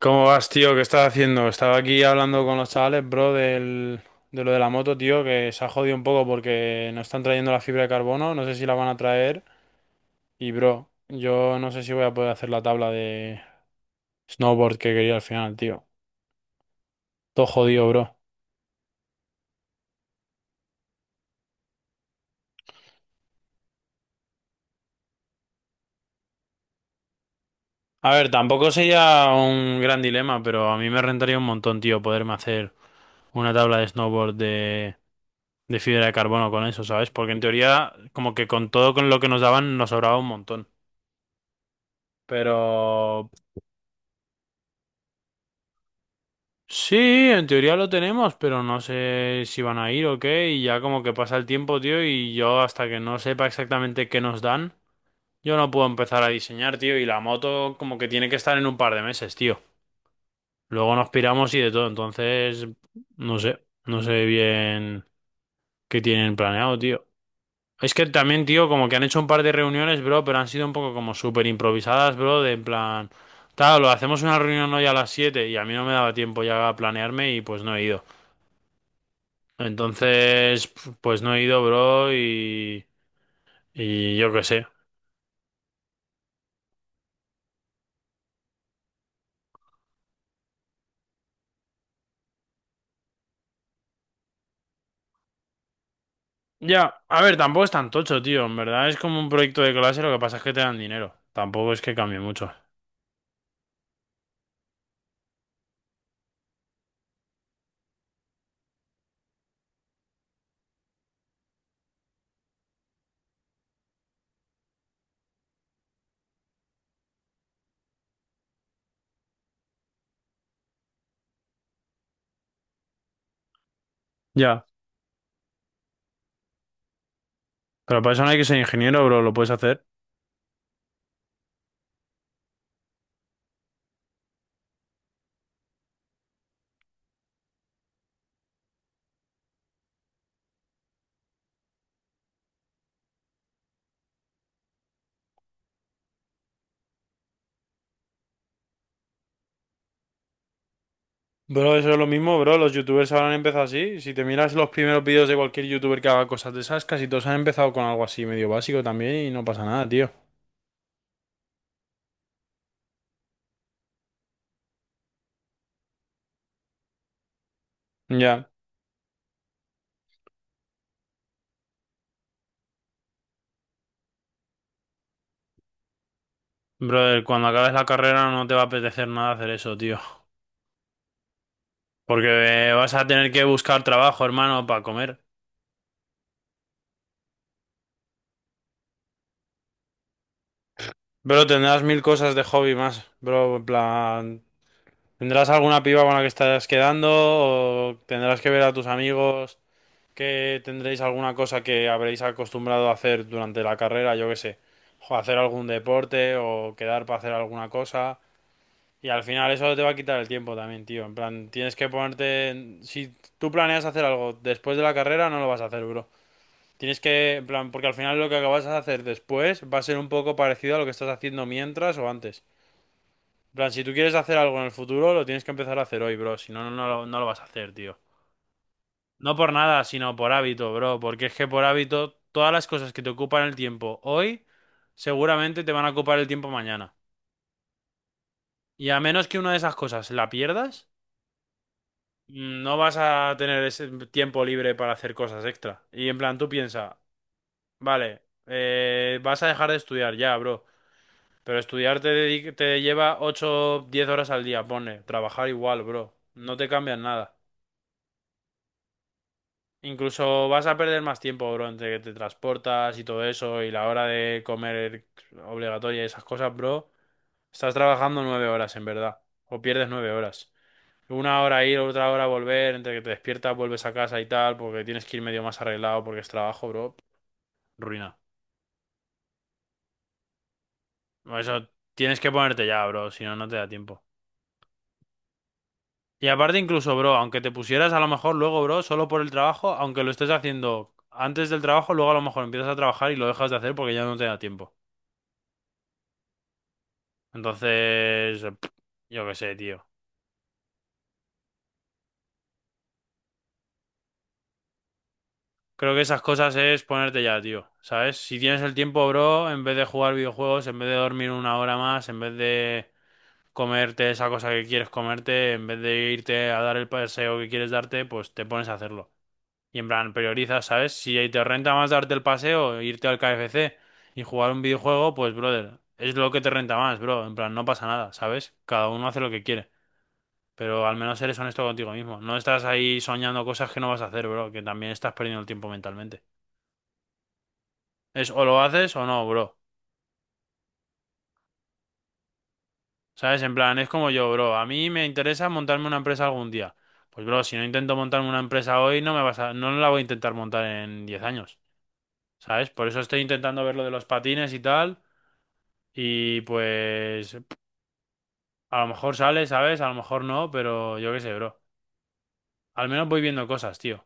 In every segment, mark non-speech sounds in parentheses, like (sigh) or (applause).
¿Cómo vas, tío? ¿Qué estás haciendo? Estaba aquí hablando con los chavales, bro, del, de lo de la moto, tío, que se ha jodido un poco porque no están trayendo la fibra de carbono, no sé si la van a traer. Y, bro, yo no sé si voy a poder hacer la tabla de snowboard que quería al final, tío. Todo jodido, bro. A ver, tampoco sería un gran dilema, pero a mí me rentaría un montón, tío, poderme hacer una tabla de snowboard de fibra de carbono con eso, ¿sabes? Porque en teoría, como que con todo con lo que nos daban, nos sobraba un montón. Pero sí, en teoría lo tenemos, pero no sé si van a ir o qué, y ya como que pasa el tiempo, tío, y yo hasta que no sepa exactamente qué nos dan, yo no puedo empezar a diseñar, tío, y la moto como que tiene que estar en un par de meses, tío. Luego nos piramos y de todo, entonces no sé, no sé bien qué tienen planeado, tío. Es que también, tío, como que han hecho un par de reuniones, bro, pero han sido un poco como súper improvisadas, bro, de en plan, tal, lo hacemos una reunión hoy a las 7 y a mí no me daba tiempo ya a planearme y pues no he ido. Entonces, pues no he ido, bro, y yo qué sé. Ya, a ver, tampoco es tan tocho, tío. En verdad es como un proyecto de clase, lo que pasa es que te dan dinero. Tampoco es que cambie mucho. Ya, pero para eso no hay que ser ingeniero, bro, lo puedes hacer. Bro, eso es lo mismo, bro. Los youtubers ahora han empezado así. Si te miras los primeros vídeos de cualquier youtuber que haga cosas de esas, casi todos han empezado con algo así medio básico también y no pasa nada, tío. Ya. Brother, cuando acabes la carrera no te va a apetecer nada hacer eso, tío. Porque vas a tener que buscar trabajo, hermano, para comer. Bro, tendrás mil cosas de hobby más, bro, en plan, ¿tendrás alguna piba con la que estarás quedando o tendrás que ver a tus amigos que tendréis alguna cosa que habréis acostumbrado a hacer durante la carrera, yo qué sé, o hacer algún deporte o quedar para hacer alguna cosa y al final eso te va a quitar el tiempo también, tío, en plan, tienes que ponerte, si tú planeas hacer algo después de la carrera no lo vas a hacer, bro. Tienes que, en plan, porque al final lo que acabas de hacer después va a ser un poco parecido a lo que estás haciendo mientras o antes. En plan, si tú quieres hacer algo en el futuro, lo tienes que empezar a hacer hoy, bro. Si no, no, no, no lo vas a hacer, tío. No por nada, sino por hábito, bro. Porque es que por hábito, todas las cosas que te ocupan el tiempo hoy, seguramente te van a ocupar el tiempo mañana. Y a menos que una de esas cosas la pierdas, no vas a tener ese tiempo libre para hacer cosas extra. Y en plan, tú piensa, vale, vas a dejar de estudiar ya, bro. Pero estudiar te lleva 8 10 horas al día, pone. Trabajar igual, bro. No te cambian nada. Incluso vas a perder más tiempo, bro, entre que te transportas y todo eso y la hora de comer obligatoria y esas cosas, bro. Estás trabajando 9 horas, en verdad. O pierdes 9 horas. Una hora ir, otra hora volver, entre que te despiertas, vuelves a casa y tal, porque tienes que ir medio más arreglado porque es trabajo, bro. Ruina. Eso tienes que ponerte ya, bro, si no, no te da tiempo. Y aparte incluso, bro, aunque te pusieras a lo mejor luego, bro, solo por el trabajo, aunque lo estés haciendo antes del trabajo, luego a lo mejor empiezas a trabajar y lo dejas de hacer porque ya no te da tiempo. Entonces, eh, pff, yo qué sé, tío. Creo que esas cosas es ponerte ya, tío. ¿Sabes? Si tienes el tiempo, bro, en vez de jugar videojuegos, en vez de dormir una hora más, en vez de comerte esa cosa que quieres comerte, en vez de irte a dar el paseo que quieres darte, pues te pones a hacerlo. Y en plan, priorizas, ¿sabes? Si ahí te renta más darte el paseo, irte al KFC y jugar un videojuego, pues, brother, es lo que te renta más, bro. En plan, no pasa nada, ¿sabes? Cada uno hace lo que quiere. Pero al menos eres honesto contigo mismo. No estás ahí soñando cosas que no vas a hacer, bro, que también estás perdiendo el tiempo mentalmente. Es o lo haces o no, bro. ¿Sabes? En plan, es como yo, bro. A mí me interesa montarme una empresa algún día. Pues, bro, si no intento montarme una empresa hoy, no me vas a, no la voy a intentar montar en 10 años. ¿Sabes? Por eso estoy intentando ver lo de los patines y tal. Y pues, a lo mejor sale, ¿sabes? A lo mejor no, pero yo qué sé, bro. Al menos voy viendo cosas, tío.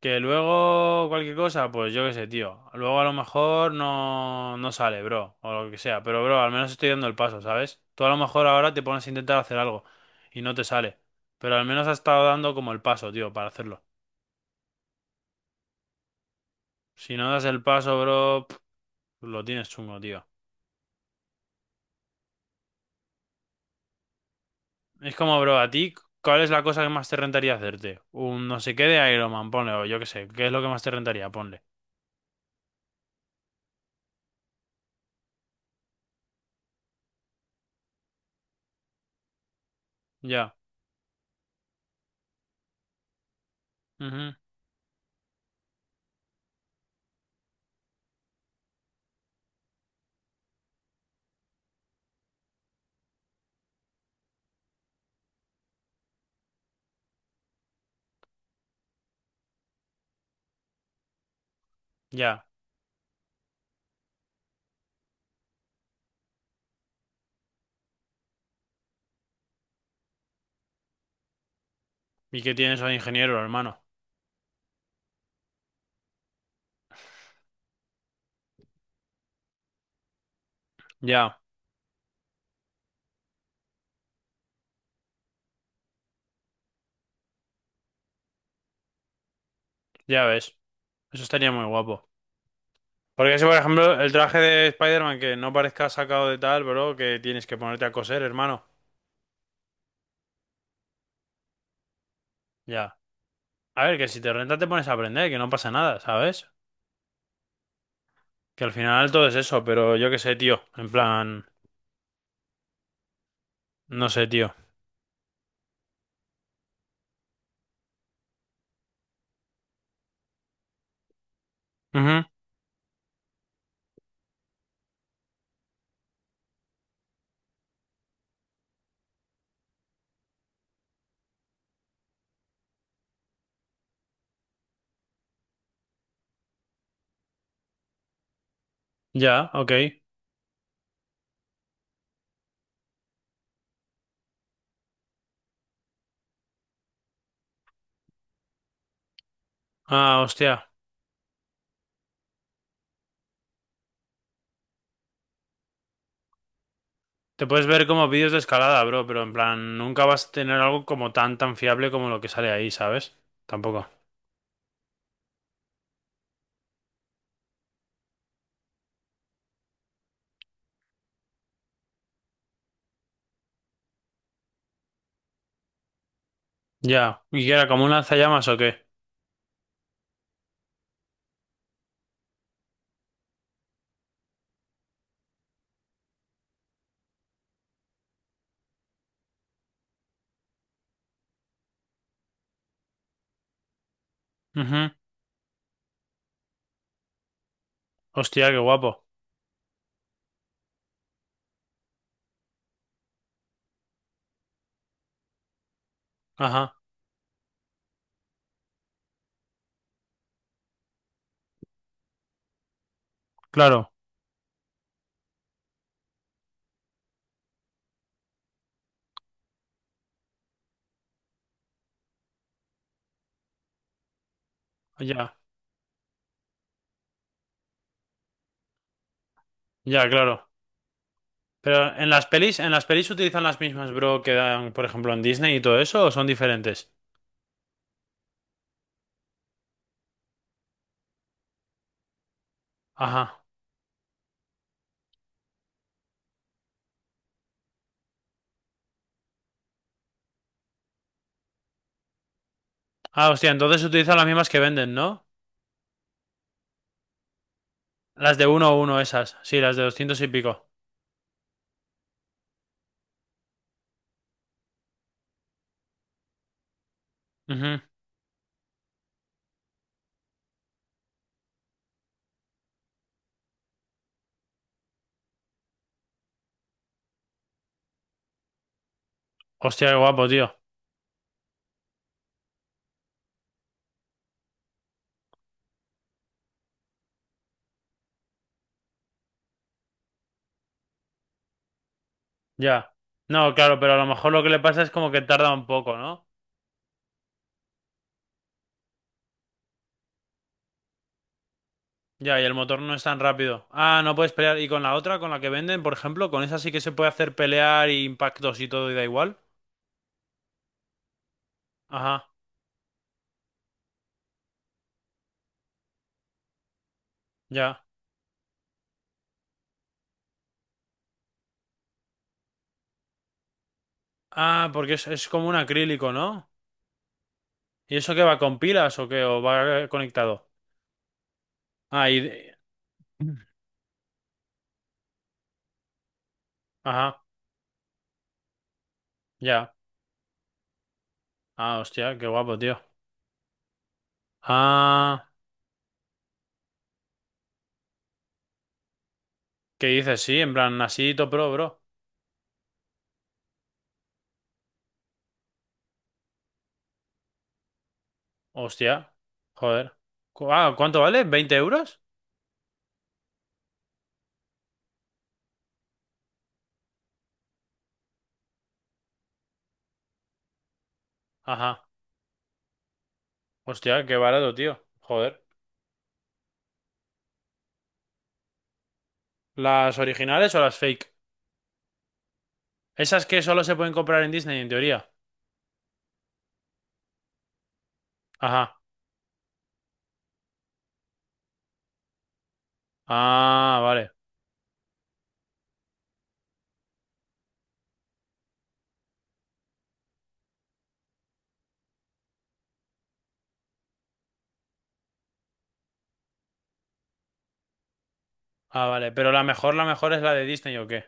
Que luego cualquier cosa, pues yo qué sé, tío. Luego a lo mejor no, no sale, bro, o lo que sea. Pero, bro, al menos estoy dando el paso, ¿sabes? Tú a lo mejor ahora te pones a intentar hacer algo y no te sale. Pero al menos has estado dando como el paso, tío, para hacerlo. Si no das el paso, bro, pf, lo tienes chungo, tío. Es como, bro, a ti, ¿cuál es la cosa que más te rentaría hacerte? Un no sé qué de Iron Man, ponle, o yo qué sé. ¿Qué es lo que más te rentaría? Ponle. Ya. Ujú. Ya. ¿Y qué tienes hoy, ingeniero, hermano? Ya. Ya ves. Eso estaría muy guapo. Porque si, por ejemplo, el traje de Spider-Man que no parezca sacado de tal, bro, que tienes que ponerte a coser, hermano. Ya. A ver, que si te renta te pones a aprender, que no pasa nada, ¿sabes? Que al final todo es eso, pero yo qué sé, tío. En plan, no sé, tío. Ujú. Ya, ok. Ah, hostia. Te puedes ver como vídeos de escalada, bro, pero en plan, nunca vas a tener algo como tan, tan fiable como lo que sale ahí, ¿sabes? Tampoco. Ya. ¿Y qué era? ¿Como un lanzallamas o qué? Ujú. Hostia, qué guapo. Ajá. Claro. Ya. Ya, claro. Pero en las pelis utilizan las mismas, bro, que dan, por ejemplo, en Disney y todo eso, o son diferentes. Ajá. Ah, hostia, entonces utilizan las mismas que venden, ¿no? Las de uno a uno esas. Sí, las de 200 y pico. Ujú. Hostia, qué guapo, tío. Ya. No, claro, pero a lo mejor lo que le pasa es como que tarda un poco, ¿no? Ya, y el motor no es tan rápido. Ah, no puedes pelear. ¿Y con la otra, con la que venden, por ejemplo? Con esa sí que se puede hacer pelear y impactos y todo y da igual. Ajá, ya. Ah, porque es como un acrílico, ¿no? ¿Y eso qué va con pilas o qué? ¿O va conectado? Ah, y... (clears throat) Ajá, ya. Ah, hostia, qué guapo, tío. Ah, ¿qué dices? Sí, en plan, así top pro, bro. Hostia, joder. Cu- Ah, ¿cuánto vale? ¿Veinte euros? Ajá, hostia, qué barato, tío. Joder. ¿Las originales o las fake? Esas que solo se pueden comprar en Disney, en teoría. Ajá. Ah, vale. Ah, vale. Pero la mejor es la de Disney, ¿o qué?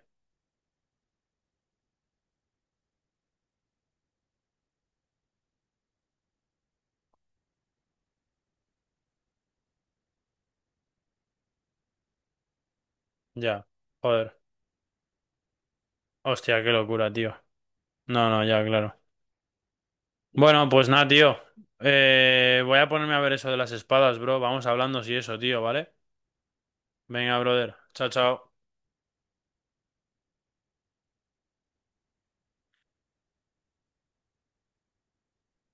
Ya. Joder. Hostia, qué locura, tío. No, no, ya, claro. Bueno, pues nada, tío. Voy a ponerme a ver eso de las espadas, bro. Vamos hablando si eso, tío, ¿vale? Venga, brother. Chao, chao.